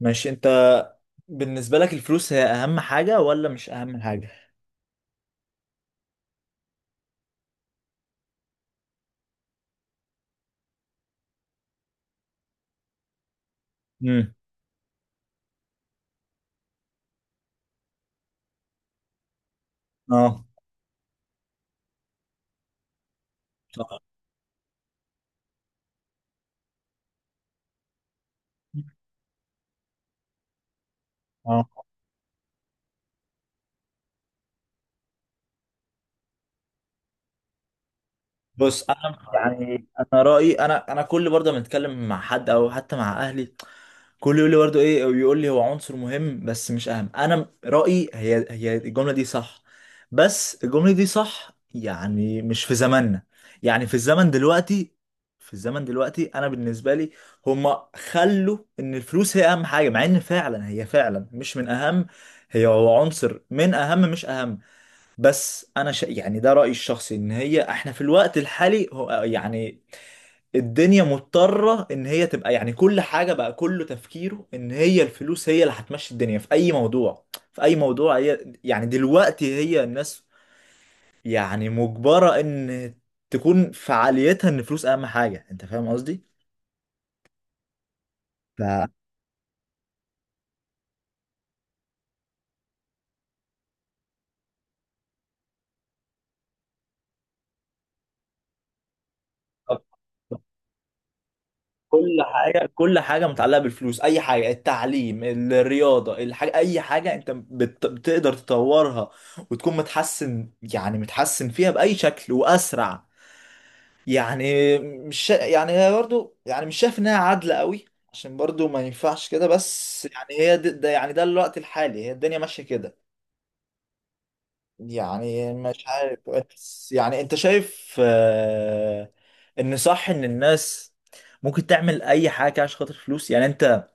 ماشي، انت بالنسبة لك الفلوس هي اهم حاجة ولا مش اهم حاجة؟ امم اه، صح، اه، بص انا يعني، انا رأيي، انا كل برضه ما اتكلم مع حد او حتى مع اهلي كله يقول لي برضه ايه، ويقول لي هو عنصر مهم بس مش اهم. انا رأيي هي الجملة دي صح. بس الجملة دي صح يعني مش في زماننا، يعني في الزمن دلوقتي. في الزمن دلوقتي انا بالنسبة لي هما خلوا ان الفلوس هي اهم حاجة، مع ان فعلا هي فعلا مش من اهم. هي هو عنصر من اهم، مش اهم. بس انا يعني ده رأيي الشخصي، ان هي احنا في الوقت الحالي، هو يعني الدنيا مضطرة ان هي تبقى يعني كل حاجة بقى، كله تفكيره ان هي الفلوس هي اللي هتمشي الدنيا في اي موضوع. في اي موضوع هي يعني دلوقتي هي الناس يعني مجبرة ان تكون فعاليتها ان الفلوس اهم حاجة. انت فاهم قصدي؟ ف... كل حاجة، كل حاجة متعلقة بالفلوس، أي حاجة، التعليم، الرياضة، الحاجة، أي حاجة أنت بتقدر تطورها وتكون متحسن، يعني متحسن فيها بأي شكل وأسرع. يعني مش شا- يعني هي برضو يعني مش شايف انها عادلة قوي، عشان برضو ما ينفعش كده. بس يعني هي ده يعني ده الوقت الحالي، هي الدنيا ماشية كده. يعني مش عارف، بس يعني انت شايف ان صح ان الناس ممكن تعمل اي حاجة كده عشان خاطر فلوس، يعني انت،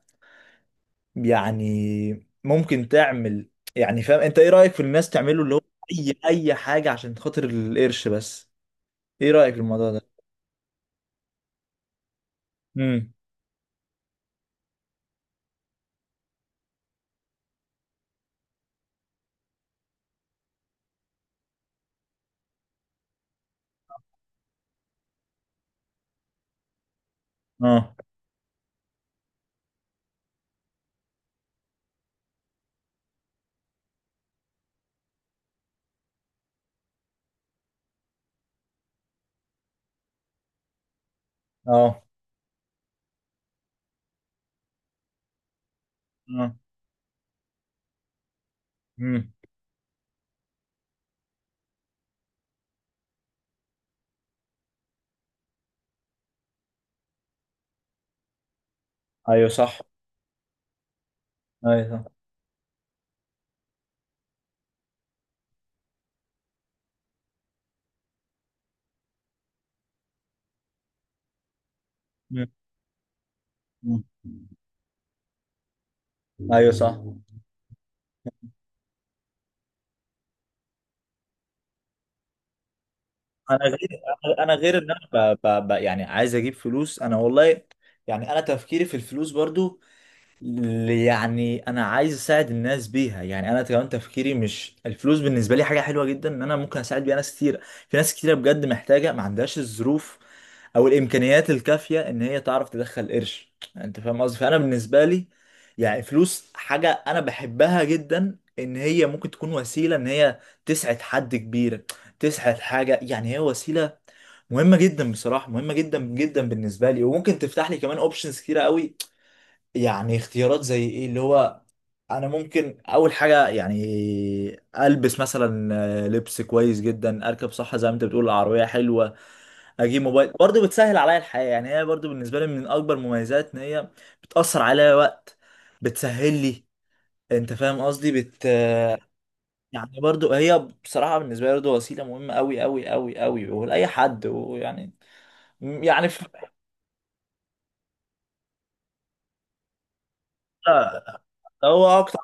يعني ممكن تعمل، يعني فاهم انت ايه رأيك في الناس تعمله، اللي هو اي اي حاجة عشان خاطر القرش بس. ايه رأيك في الموضوع ده؟ امم اه، اه، اه، ايوه صح، ايوه صح، مم. مم. ايوه صح. انا غير، انا غير ان انا يعني عايز اجيب فلوس انا والله. يعني انا تفكيري في الفلوس برضو، يعني انا عايز اساعد الناس بيها. يعني انا كمان تفكيري، مش الفلوس بالنسبه لي حاجه حلوه جدا ان انا ممكن اساعد بيها ناس كتير. في ناس كتيره بجد محتاجه، ما عندهاش الظروف او الامكانيات الكافيه ان هي تعرف تدخل قرش. انت فاهم قصدي. فانا بالنسبه لي يعني فلوس حاجه انا بحبها جدا، ان هي ممكن تكون وسيله ان هي تسعد حد كبير، تسعد حاجه، يعني هي وسيله مهمه جدا، بصراحه مهمه جدا جدا بالنسبه لي. وممكن تفتح لي كمان اوبشنز كتيره قوي، يعني اختيارات. زي ايه؟ اللي هو انا ممكن اول حاجه يعني البس مثلا، لبس كويس جدا، اركب، صح زي ما انت بتقول، العربيه حلوه، اجيب موبايل برضه بتسهل عليا الحياه. يعني هي برضه بالنسبه لي من اكبر مميزات ان هي بتاثر عليا وقت، بتسهل لي. انت فاهم قصدي، بت، يعني برضه هي بصراحه بالنسبه لي برضه وسيله مهمه قوي قوي قوي قوي ولاي حد. ويعني يعني في، هو اكتر،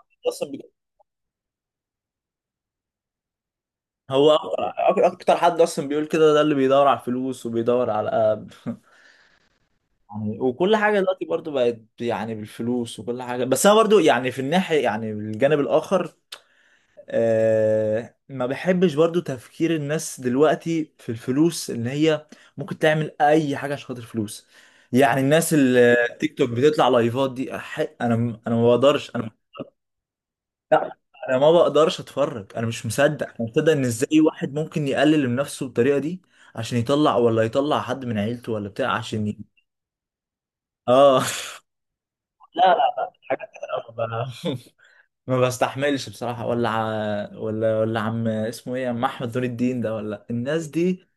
هو اكتر حد اصلا بيقول كده، ده اللي بيدور على الفلوس وبيدور على يعني. وكل حاجه دلوقتي برضو بقت يعني بالفلوس، وكل حاجه. بس انا برضو يعني في الناحيه، يعني بالجانب الاخر، ما بحبش برضو تفكير الناس دلوقتي في الفلوس ان هي ممكن تعمل اي حاجه عشان خاطر فلوس. يعني الناس اللي تيك توك بتطلع لايفات دي، انا ما بقدرش انا، لا انا ما بقدرش اتفرج. انا مش مصدق، انا مش مصدق ان ازاي واحد ممكن يقلل من نفسه بالطريقه دي، عشان يطلع، ولا يطلع حد من عيلته ولا بتاع، عشان ي... اه لا، لا، لا، حاجات كده ما ما بستحملش بصراحه، ولا ولا عم اسمه ايه، عم احمد نور الدين ده ولا الناس دي.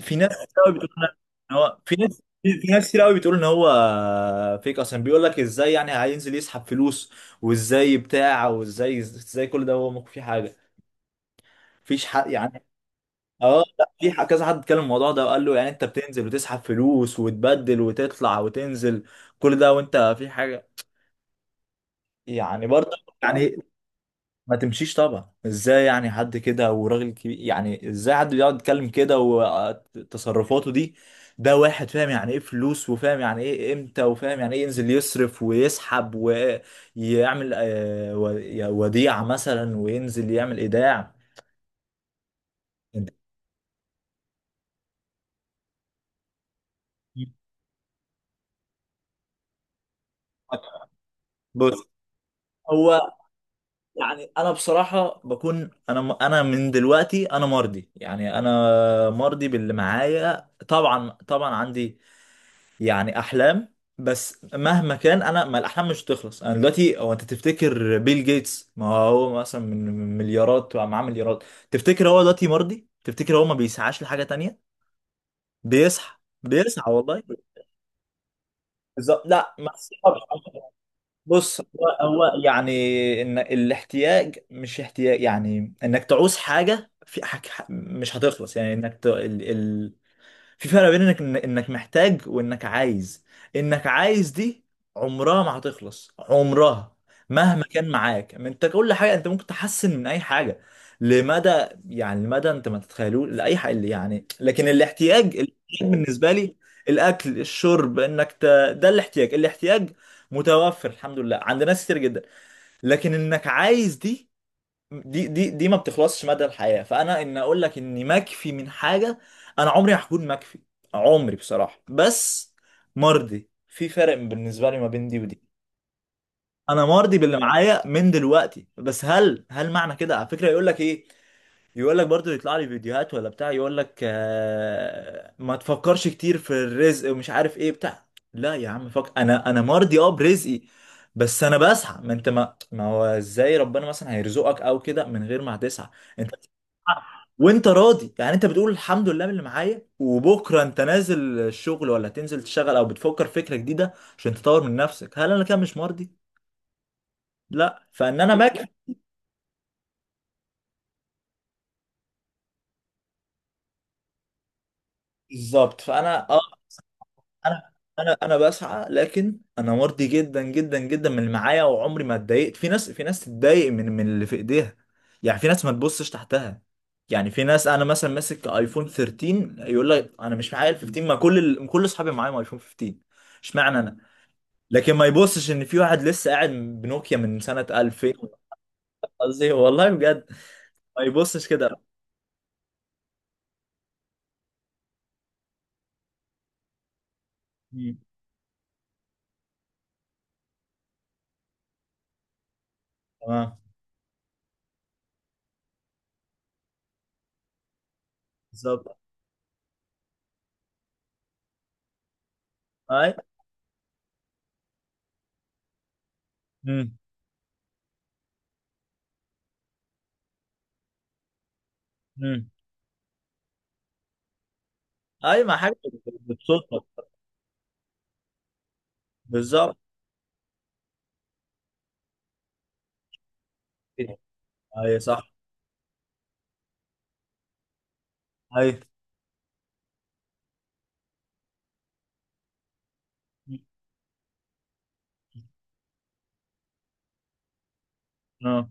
في ناس كتير قوي بتقول ان هو، في ناس، في ناس كتير قوي بتقول ان هو فيك، اصلا بيقول لك ازاي يعني هينزل يسحب فلوس، وازاي بتاع، وازاي كل ده، هو ممكن فيه حاجه؟ مفيش حق يعني. اه لا، في كذا حد اتكلم الموضوع ده وقال له يعني انت بتنزل وتسحب فلوس وتبدل وتطلع وتنزل كل ده وانت في حاجه؟ يعني برضه يعني ما تمشيش طبعا، ازاي يعني حد كده وراجل كبير، يعني ازاي حد بيقعد يتكلم كده وتصرفاته دي؟ ده واحد فاهم يعني ايه فلوس، وفاهم يعني ايه امتى، وفاهم يعني ايه ينزل يصرف ويسحب ويعمل وديعة مثلا، وينزل يعمل ايداع. بص هو، يعني انا بصراحه بكون انا من دلوقتي انا مرضي، يعني انا مرضي باللي معايا. طبعا طبعا عندي يعني احلام، بس مهما كان انا، ما الاحلام مش هتخلص. انا دلوقتي، هو انت تفتكر بيل جيتس، ما هو مثلا من مليارات، معاه مليارات، تفتكر هو دلوقتي مرضي؟ تفتكر هو ما بيسعاش لحاجه تانية؟ بيسعى، بيسعى والله. بالظبط، لا ما بص هو يعني ان الاحتياج مش احتياج، يعني انك تعوز حاجه، في حاجة مش هتخلص، يعني انك ت... ال... ال... في فرق بين انك محتاج وانك عايز. انك عايز دي عمرها ما هتخلص، عمرها مهما كان معاك، ما انت كل حاجه انت ممكن تحسن من اي حاجه لمدى، يعني لمدى انت ما تتخيلوش لاي حاجه اللي يعني. لكن الاحتياج، الاحتياج بالنسبه لي، الاكل، الشرب، انك ت...، ده الاحتياج، الاحتياج متوفر الحمد لله عند ناس كتير جدا. لكن انك عايز دي، دي ما بتخلصش مدى الحياة. فانا ان اقول لك اني مكفي من حاجة، انا عمري هكون مكفي، عمري بصراحة. بس مرضي، في فرق بالنسبة لي ما بين دي ودي. انا مرضي باللي معايا من دلوقتي، بس هل معنى كده؟ على فكرة يقول لك ايه؟ يقول لك برضو يطلع لي فيديوهات ولا بتاع، يقول لك ما تفكرش كتير في الرزق ومش عارف ايه بتاع. لا يا عم فك، انا مرضي اه برزقي، بس انا بسعى. ما انت ما هو ازاي ربنا مثلا هيرزقك او كده من غير ما تسعى؟ انت بتسعى وانت راضي، يعني انت بتقول الحمد لله باللي معايا، وبكره انت نازل الشغل ولا تنزل تشتغل، او بتفكر فكره جديده عشان تطور من نفسك. هل انا كده مش مرضي؟ لا فان انا ماكر. بالظبط، فانا انا، انا بسعى. لكن انا مرضي جدا جدا جدا من اللي معايا، وعمري ما اتضايقت. في ناس، في ناس تتضايق من اللي في ايديها. يعني في ناس ما تبصش تحتها. يعني في ناس انا مثلا ماسك ايفون 13 يقول لك انا مش معايا ال 15، ما كل ال...، كل اصحابي معايا ايفون 15، اشمعنى انا؟ لكن ما يبصش ان في واحد لسه قاعد بنوكيا من سنة 2000. قصدي والله بجد، ما يبصش كده. مم. تمام. بالظبط. اي. مم. مم. اي، ما حاجة بتبسطك. بالظبط. اي، صح. ايوه. اه.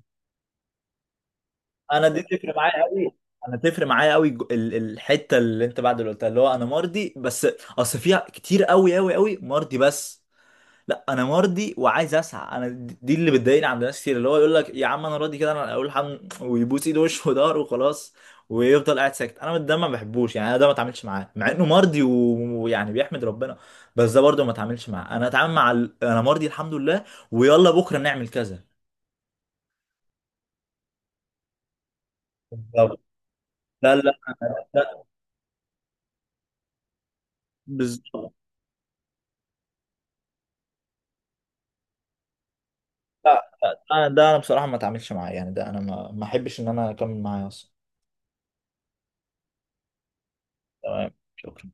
انا دي تفرق معايا قوي. انا تفرق معايا قوي، الحته اللي انت بعد اللي قلتها، اللي هو انا مرضي بس، اصل فيها كتير قوي قوي قوي، مرضي بس. لا، انا مرضي وعايز اسعى. انا دي اللي بتضايقني عند ناس كتير، اللي هو يقول لك يا عم انا راضي كده، انا اقول الحمد، ويبوس ايده وشه وضهره وخلاص، ويفضل قاعد ساكت. انا ده ما بحبوش، يعني انا ده ما اتعاملش معاه مع انه مرضي ويعني بيحمد ربنا. بس ده برضه ما اتعاملش معاه، انا اتعامل مع ال... انا مرضي الحمد لله، ويلا بكره نعمل كذا. بالظبط. لا لا. بالظبط. لا، لا، ده انا بصراحه ما اتعاملش معاه، يعني ده انا، ما احبش ان انا اكمل معاه اصلا. تمام شكرا.